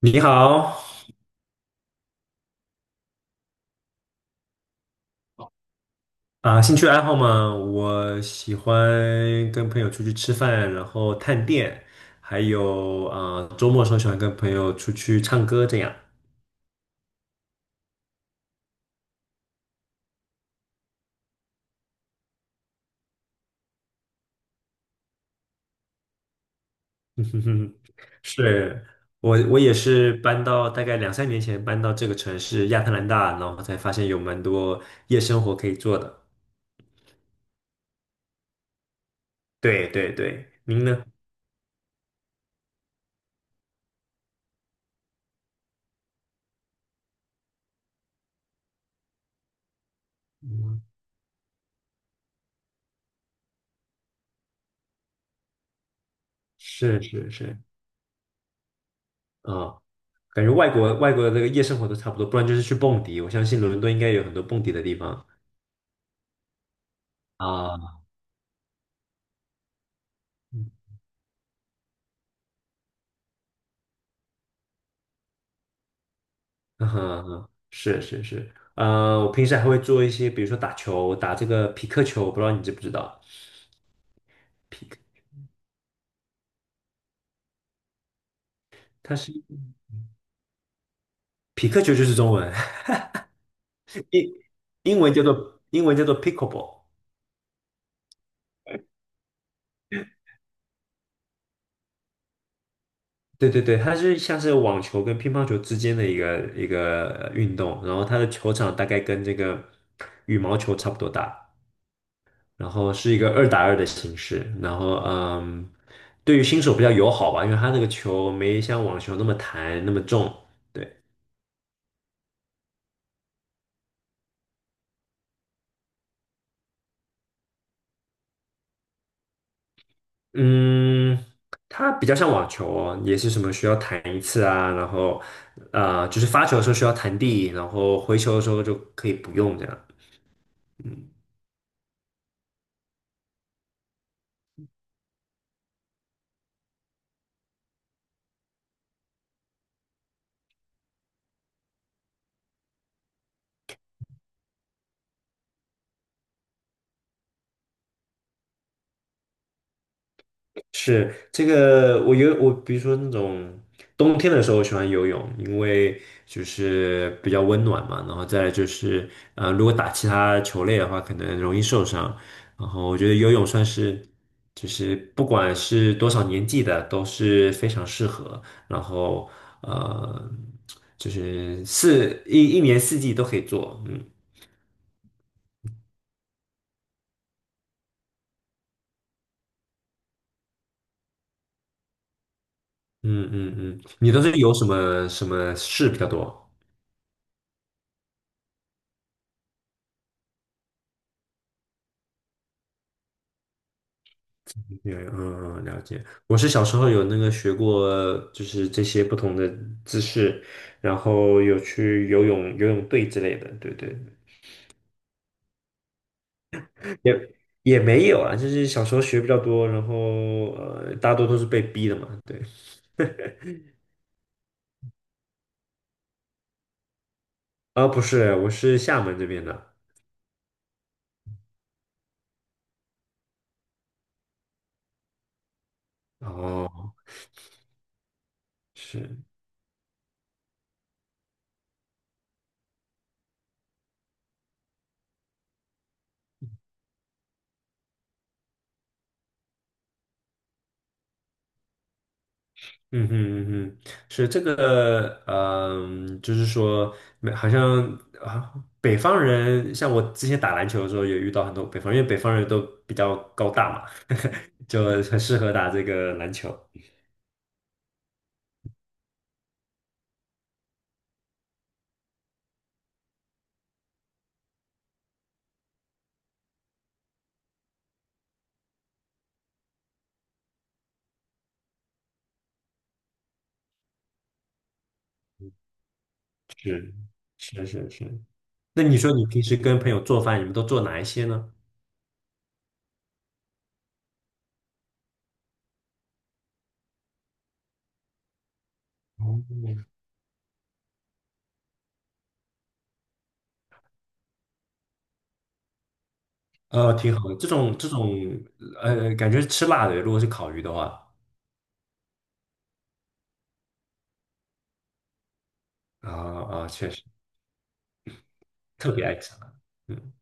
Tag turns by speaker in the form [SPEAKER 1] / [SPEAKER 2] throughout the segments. [SPEAKER 1] 你好。兴趣爱好嘛，我喜欢跟朋友出去吃饭，然后探店，还有啊，周末的时候喜欢跟朋友出去唱歌，这样。是，我也是搬到大概两三年前搬到这个城市亚特兰大，然后才发现有蛮多夜生活可以做的。对对对，您呢？嗯，是是是。啊、感觉外国的这个夜生活都差不多，不然就是去蹦迪。我相信伦敦应该有很多蹦迪的地方。啊，嗯，嗯哼嗯哼，是是是。我平时还会做一些，比如说打球，打这个匹克球，我不知道你知不知道。匹克，它是匹克球就是中文。英英文叫做 pickleball。对对对，它是像是网球跟乒乓球之间的一个运动，然后它的球场大概跟这个羽毛球差不多大，然后是一个2打2的形式，然后对于新手比较友好吧，因为它那个球没像网球那么弹那么重。对。嗯，它比较像网球哦，也是什么需要弹一次啊，然后就是发球的时候需要弹地，然后回球的时候就可以不用这样。是这个，我游我，比如说那种冬天的时候，我喜欢游泳，因为就是比较温暖嘛。然后再来就是，如果打其他球类的话，可能容易受伤。然后我觉得游泳算是，就是不管是多少年纪的都是非常适合。然后呃，就是一一年四季都可以做。嗯嗯嗯嗯，你都是有什么什么事比较多？有嗯嗯，了解。我是小时候有那个学过，就是这些不同的姿势，然后有去游泳、游泳队之类的，对对。也也没有啊，就是小时候学比较多，然后大多都是被逼的嘛。对。啊，不是，我是厦门这边的。哦，是。嗯哼嗯哼，是这个，就是说，没好像啊，北方人，像我之前打篮球的时候，也遇到很多北方人因为北方人都比较高大嘛。就很适合打这个篮球。是是是是。那你说你平时跟朋友做饭，你们都做哪一些呢？哦挺好的，这种这种。感觉是吃辣的，如果是烤鱼的话。啊啊，确实特别爱吃辣。嗯，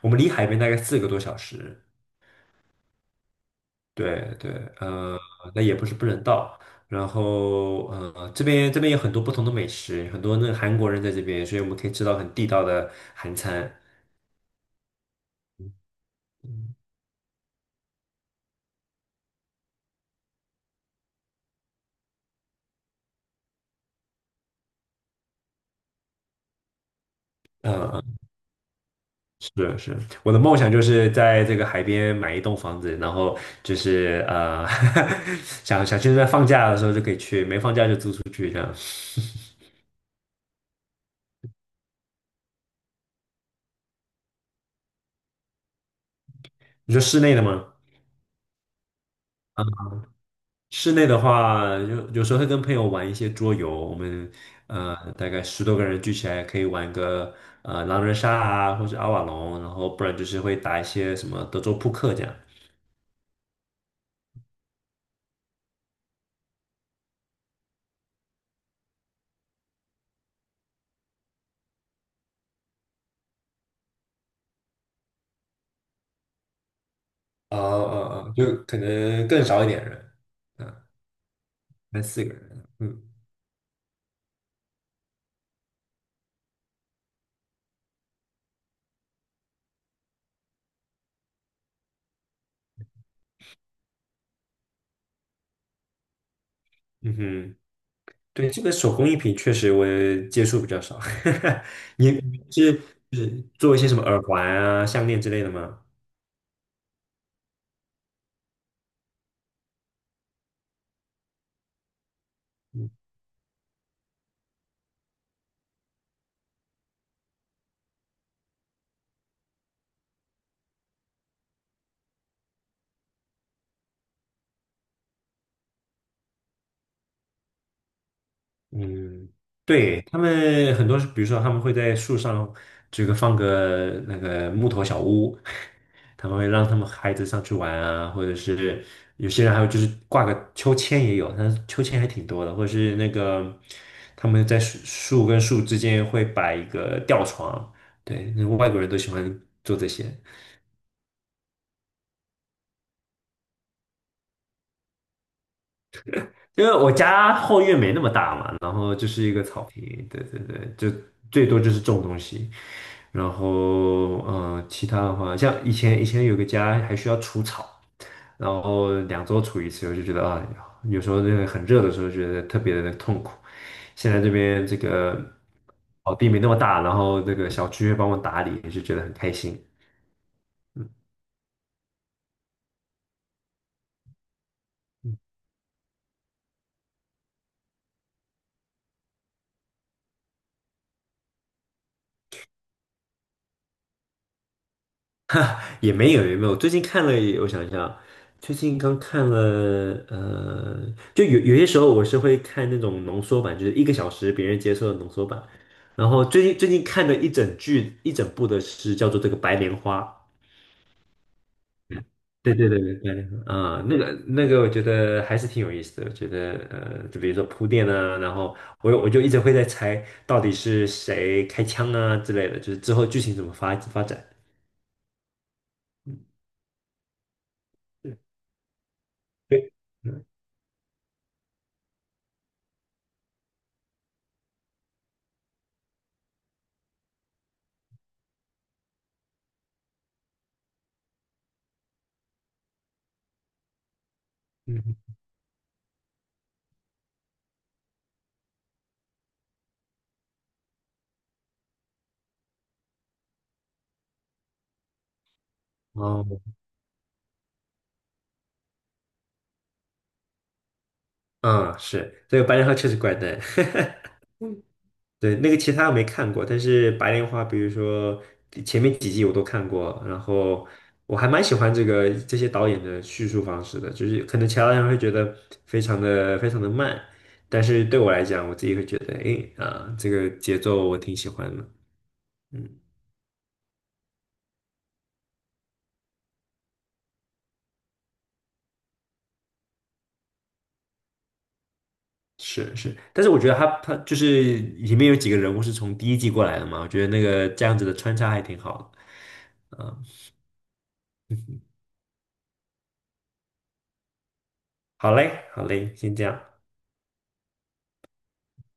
[SPEAKER 1] 我们离海边大概4个多小时。对对。呃，那也不是不能到。然后，这边有很多不同的美食，很多那个韩国人在这边，所以我们可以吃到很地道的韩餐。嗯嗯，是是，我的梦想就是在这个海边买一栋房子，然后就是想想现在放假的时候就可以去，没放假就租出去这样。你说室内的吗？啊？室内的话，有时候会跟朋友玩一些桌游，我们大概10多个人聚起来可以玩个狼人杀啊，或者阿瓦隆，然后不然就是会打一些什么德州扑克这样。啊啊啊，就可能更少一点人，嗯，三四个人，嗯，嗯哼。对，这个手工艺品确实我也接触比较少。你是做一些什么耳环啊、项链之类的吗？嗯，对，他们很多是比如说他们会在树上这个放个那个木头小屋。他们会让他们孩子上去玩啊，或者是有些人还有就是挂个秋千也有，但是秋千还挺多的，或者是那个他们在树跟树之间会摆一个吊床。对，那外国人都喜欢做这些。因为我家后院没那么大嘛，然后就是一个草坪，对对对，就最多就是种东西，然后其他的话，像以前有个家还需要除草，然后2周除一次，我就觉得啊，有时候那个很热的时候觉得特别的痛苦。现在这边这个草地没那么大，然后这个小区会帮我打理，就觉得很开心。也没有也没有，最近看了，我想一下，最近刚看了，就有些时候我是会看那种浓缩版，就是一个小时别人接受的浓缩版。然后最近看的一整部的是叫做这个《白莲花》。对对对对，白莲花啊，那个我觉得还是挺有意思的。我觉得就比如说铺垫啊，然后我就一直会在猜到底是谁开枪啊之类的，就是之后剧情怎么发展。嗯对对，嗯嗯。哦，嗯，是这个白莲花确实怪诞。对，那个其他我没看过，但是白莲花，比如说前面几季我都看过，然后我还蛮喜欢这些导演的叙述方式的，就是可能其他人会觉得非常的非常的慢，但是对我来讲，我自己会觉得，诶，这个节奏我挺喜欢的，嗯，是是。但是我觉得他就是里面有几个人物是从第一季过来的嘛，我觉得那个这样子的穿插还挺好的。嗯好嘞，好嘞，先这样。